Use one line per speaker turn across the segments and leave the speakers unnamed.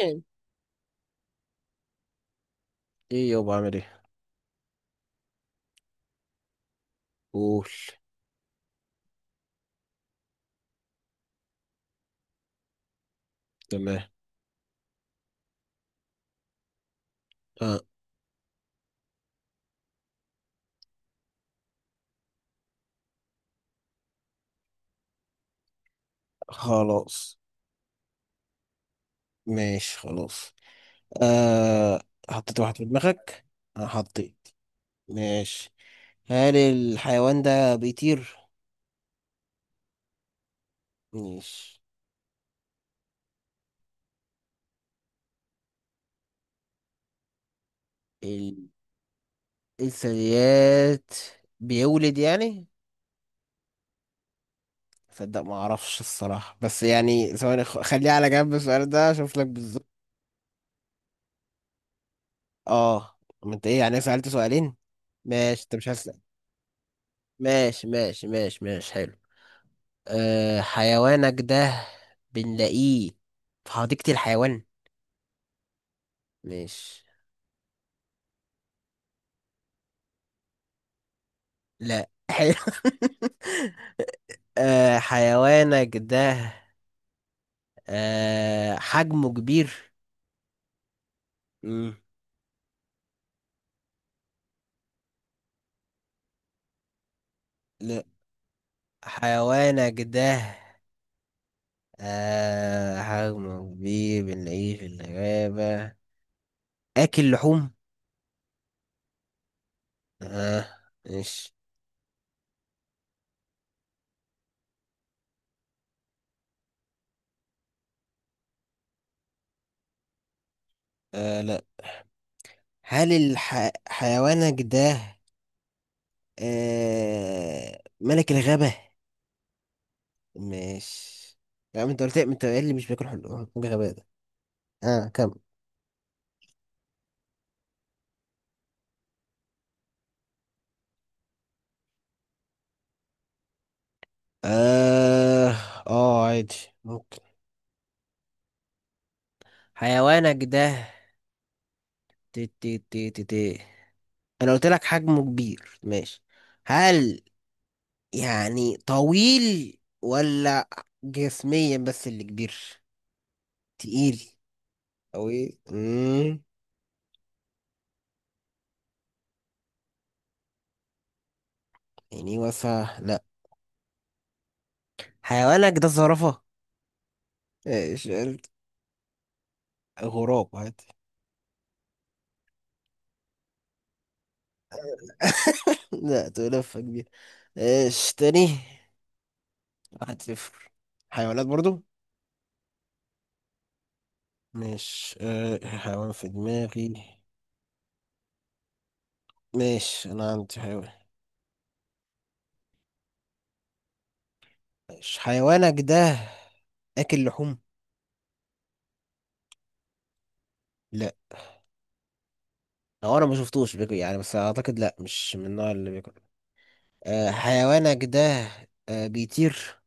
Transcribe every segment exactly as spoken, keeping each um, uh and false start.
إيه. ايه يابا، عامل ايه؟ قول. تمام. آه. خلاص. ماشي خلاص. آه، حطيت واحد في دماغك؟ آه حطيت. ماشي. هل الحيوان ده بيطير؟ ماشي. ال- الثدييات، بيولد يعني؟ صدق ما اعرفش الصراحة، بس يعني ثواني، خ- خليه على جنب السؤال ده اشوف لك بالظبط. اه، ما انت ايه يعني؟ سألت سؤالين. ماشي، انت مش هسأل. ماشي ماشي ماشي ماشي، حلو. أه، حيوانك ده بنلاقيه في حديقة الحيوان؟ مش؟ لا حلو. أه، حيوانك ده أه حجمه كبير؟ مم. لا، حيوانك ده أه حجمه كبير، بنلاقيه في الغابة، أكل لحوم؟ أه. مش. أه. لا. هل الح... حيوانك ده أه ملك الغابة؟ ماشي. يا عم انت قلت، انت قايل لي مش بياكل، حلو. غباء ده. اه كم. اه. اه عادي. ممكن. حيوانك ده تي تي تي تي تي. انا قلت لك حجمه كبير، ماشي؟ هل يعني طويل، ولا جسميا بس اللي كبير، تقيل، او ايه؟ امم يعني وفا لا. حيوانك ده زرافة. ايش قلت؟ غراب عادي. لا، تقول لفة كبير. ايش تاني؟ واحد صفر. حيوانات برضو. مش أه حيوان في دماغي. ماشي، انا عندي حيوان. ماشي، حيوانك ده اكل لحوم؟ لا. او انا ما شفتوش بياكل يعني، بس اعتقد لا، مش من النوع اللي بياكل. أه، حيوانك ده أه بيطير؟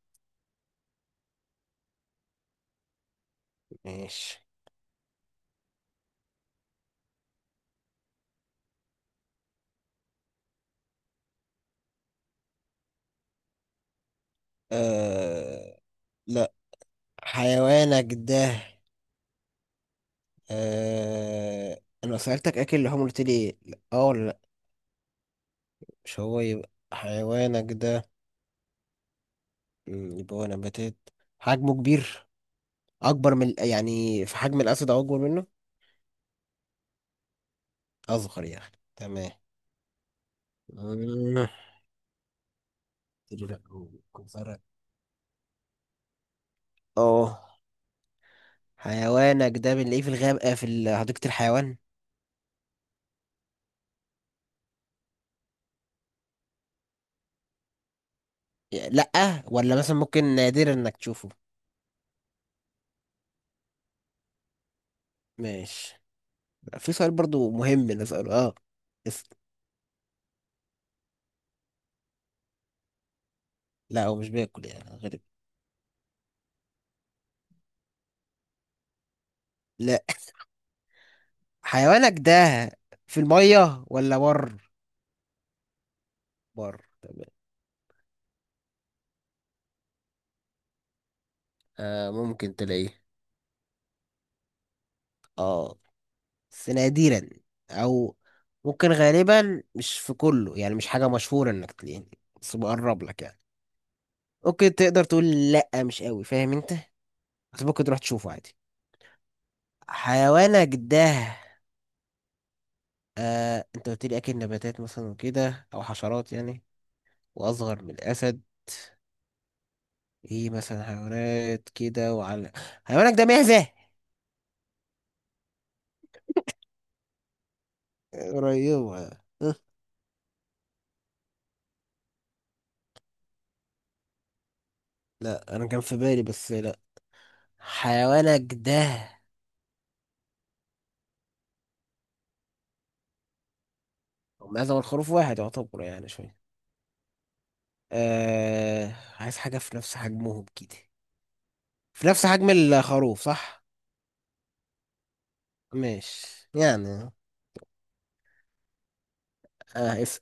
ماشي. أه لا. حيوانك ده أه، انا سألتك اكل لحوم قلت لي إيه؟ لا، اه ولا لا؟ مش هو، يبقى حيوانك ده مم، يبقى هو نباتات، حجمه كبير، اكبر من يعني في حجم الاسد او اكبر منه؟ اصغر يعني، تمام. مم. اه، حيوانك ده بنلاقيه في الغاب آه، في ال- حديقة الحيوان؟ لا، ولا مثلا ممكن نادرا انك تشوفه؟ ماشي. في سؤال برضو مهم نسأله، اه. اس- لا هو مش بياكل يعني، غريب. لا. حيوانك ده في المية ولا بر؟ بر، تمام. آه ممكن تلاقيه؟ اه، بس نادرا، او ممكن غالبا مش في كله، يعني مش حاجة مشهورة انك تلاقيه، بس بقرب لك يعني. ممكن تقدر تقول لا مش قوي، فاهم انت؟ بس ممكن تروح تشوفه عادي. حيوانك ده آه انت قلت لي اكل نباتات مثلا وكده، او حشرات يعني، واصغر من الاسد، ايه مثلا؟ حيوانات كده وعلى، حيوانك ده معزة؟ قريبة أه، لا انا كان في بالي، بس لا. حيوانك ده معزة والخروف واحد يعتبر يعني شوية. آه، عايز حاجة في نفس حجمهم كده، في نفس حجم الخروف، صح؟ ماشي يعني. آه اس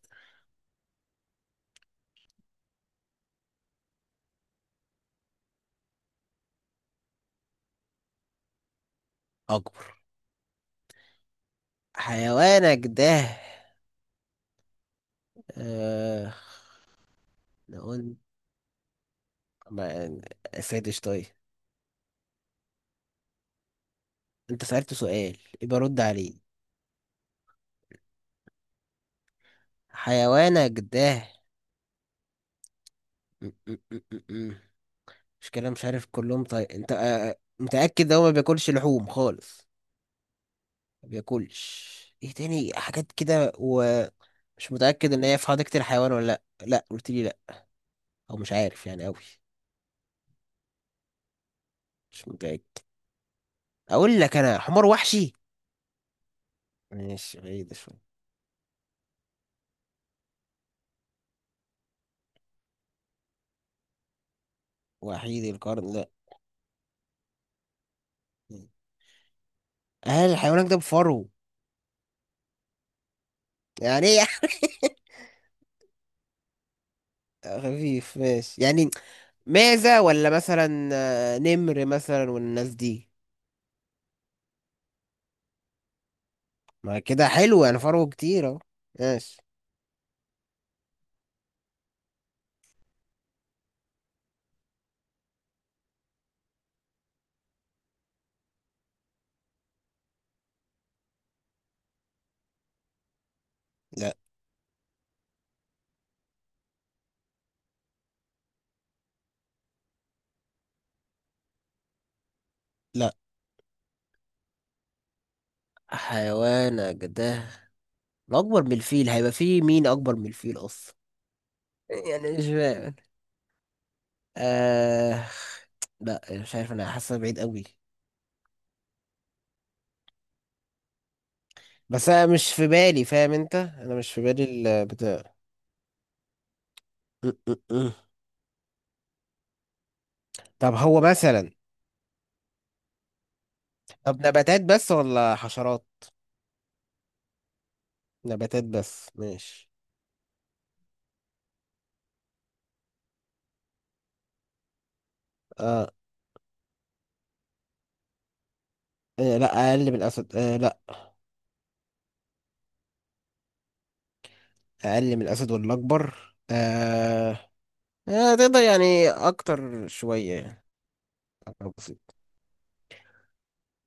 أكبر. حيوانك ده آه نقول ما آه، سادش، طيب. أنت سألت سؤال، يبقى رد عليه. حيوانك ده م- م- م- م- م. مش كلام مش عارف كلهم، طيب أنت آه. آه، متأكد ده هو ما بياكلش لحوم خالص؟ ما بياكلش. ايه تاني حاجات كده، ومش متأكد ان هي في حديقة الحيوان ولا لا، لا قلت لي لا، او مش عارف يعني قوي. مش متأكد. اقول لك انا حمار وحشي؟ ماشي، بعيد شوية. وحيد القرن لا. هل الحيوان ده بفرو؟ يعني ايه؟ خفيف، ماشي يعني. معزة، ولا مثلا آه، نمر مثلا والناس دي؟ ما كده حلو يعني، فرو كتير اهو. ماشي. لا. لا. حيوانك ده الاكبر من الفيل، هيبقى فيه مين اكبر من الفيل اصلا؟ يعني مش فاهم. آه... لا مش عارف، انا حاسه بعيد قوي. بس انا مش في بالي، فاهم انت؟ انا مش في بالي البتاع م- م- م. طب هو مثلا طب نباتات بس ولا حشرات؟ نباتات بس، ماشي. آه. آه لا، اقل من الاسد آه لا؟ اقل من الاسد ولا اكبر؟ آه. آه تقدر يعني اكتر شويه يعني، أكتر بسيط.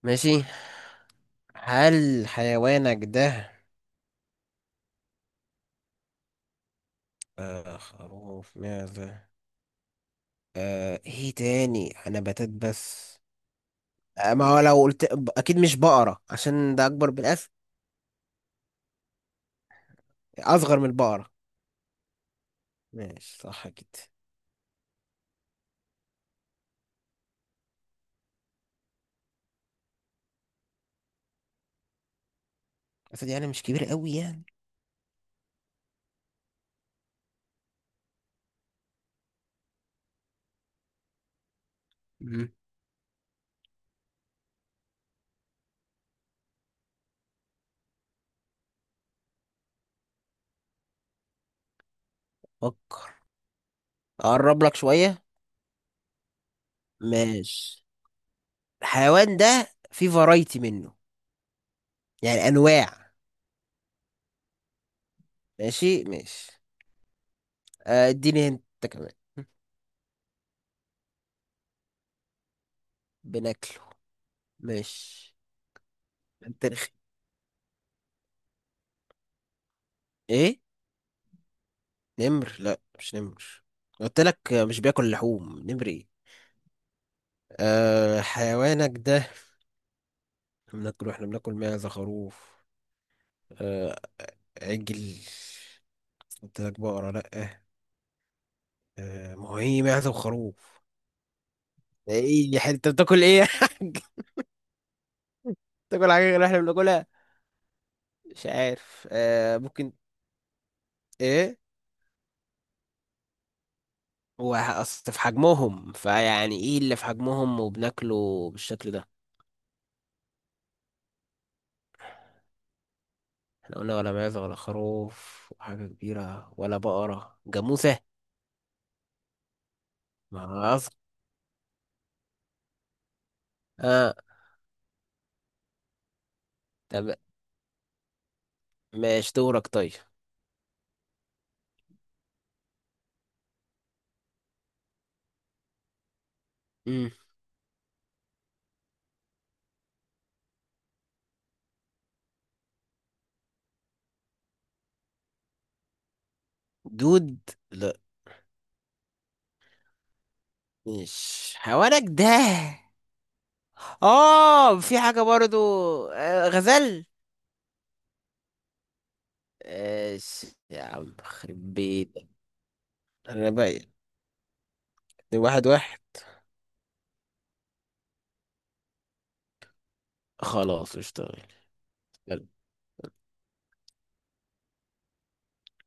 ماشي. هل حيوانك ده آه خروف معزة آه ايه تاني؟ انا بتات بس. آه، ما هو لو قلت ب- اكيد مش بقرة، عشان ده اكبر من الاسد. اصغر من البقرة، ماشي، صح كده. الاسد يعني مش كبير قوي يعني. مم. فكر. اقرب لك شوية. ماشي. الحيوان ده في فرايتي منه، يعني انواع. ماشي ماشي. آه، اديني انت كمان. بناكله. ماشي. انت رخي. ايه؟ نمر؟ لا مش نمر، قلت لك مش بياكل لحوم. نمر ايه. أه حيوانك ده بناكل واحنا بناكل معزة خروف، آه عجل، قلت لك بقرة لأ. آه ما هو ايه، معزة وخروف، ايه يا حاج؟ انت بتاكل ايه يا حاج؟ بتاكل حاجة غير اللي احنا بناكلها؟ مش عارف، آه ممكن. ايه هو؟ اصل في حجمهم فيعني ايه اللي في حجمهم وبناكله بالشكل ده؟ احنا قلنا ولا معزة ولا خروف، وحاجة كبيرة ولا بقرة جاموسة. ما أصل. اه. طب. ماشي، دورك طيب. مم. دود؟ مش حوالك ده؟ اه، في حاجة برضو. آه، غزل. ايش؟ يا عم خرب بيتك. انا باين. واحد واحد. خلاص اشتغل.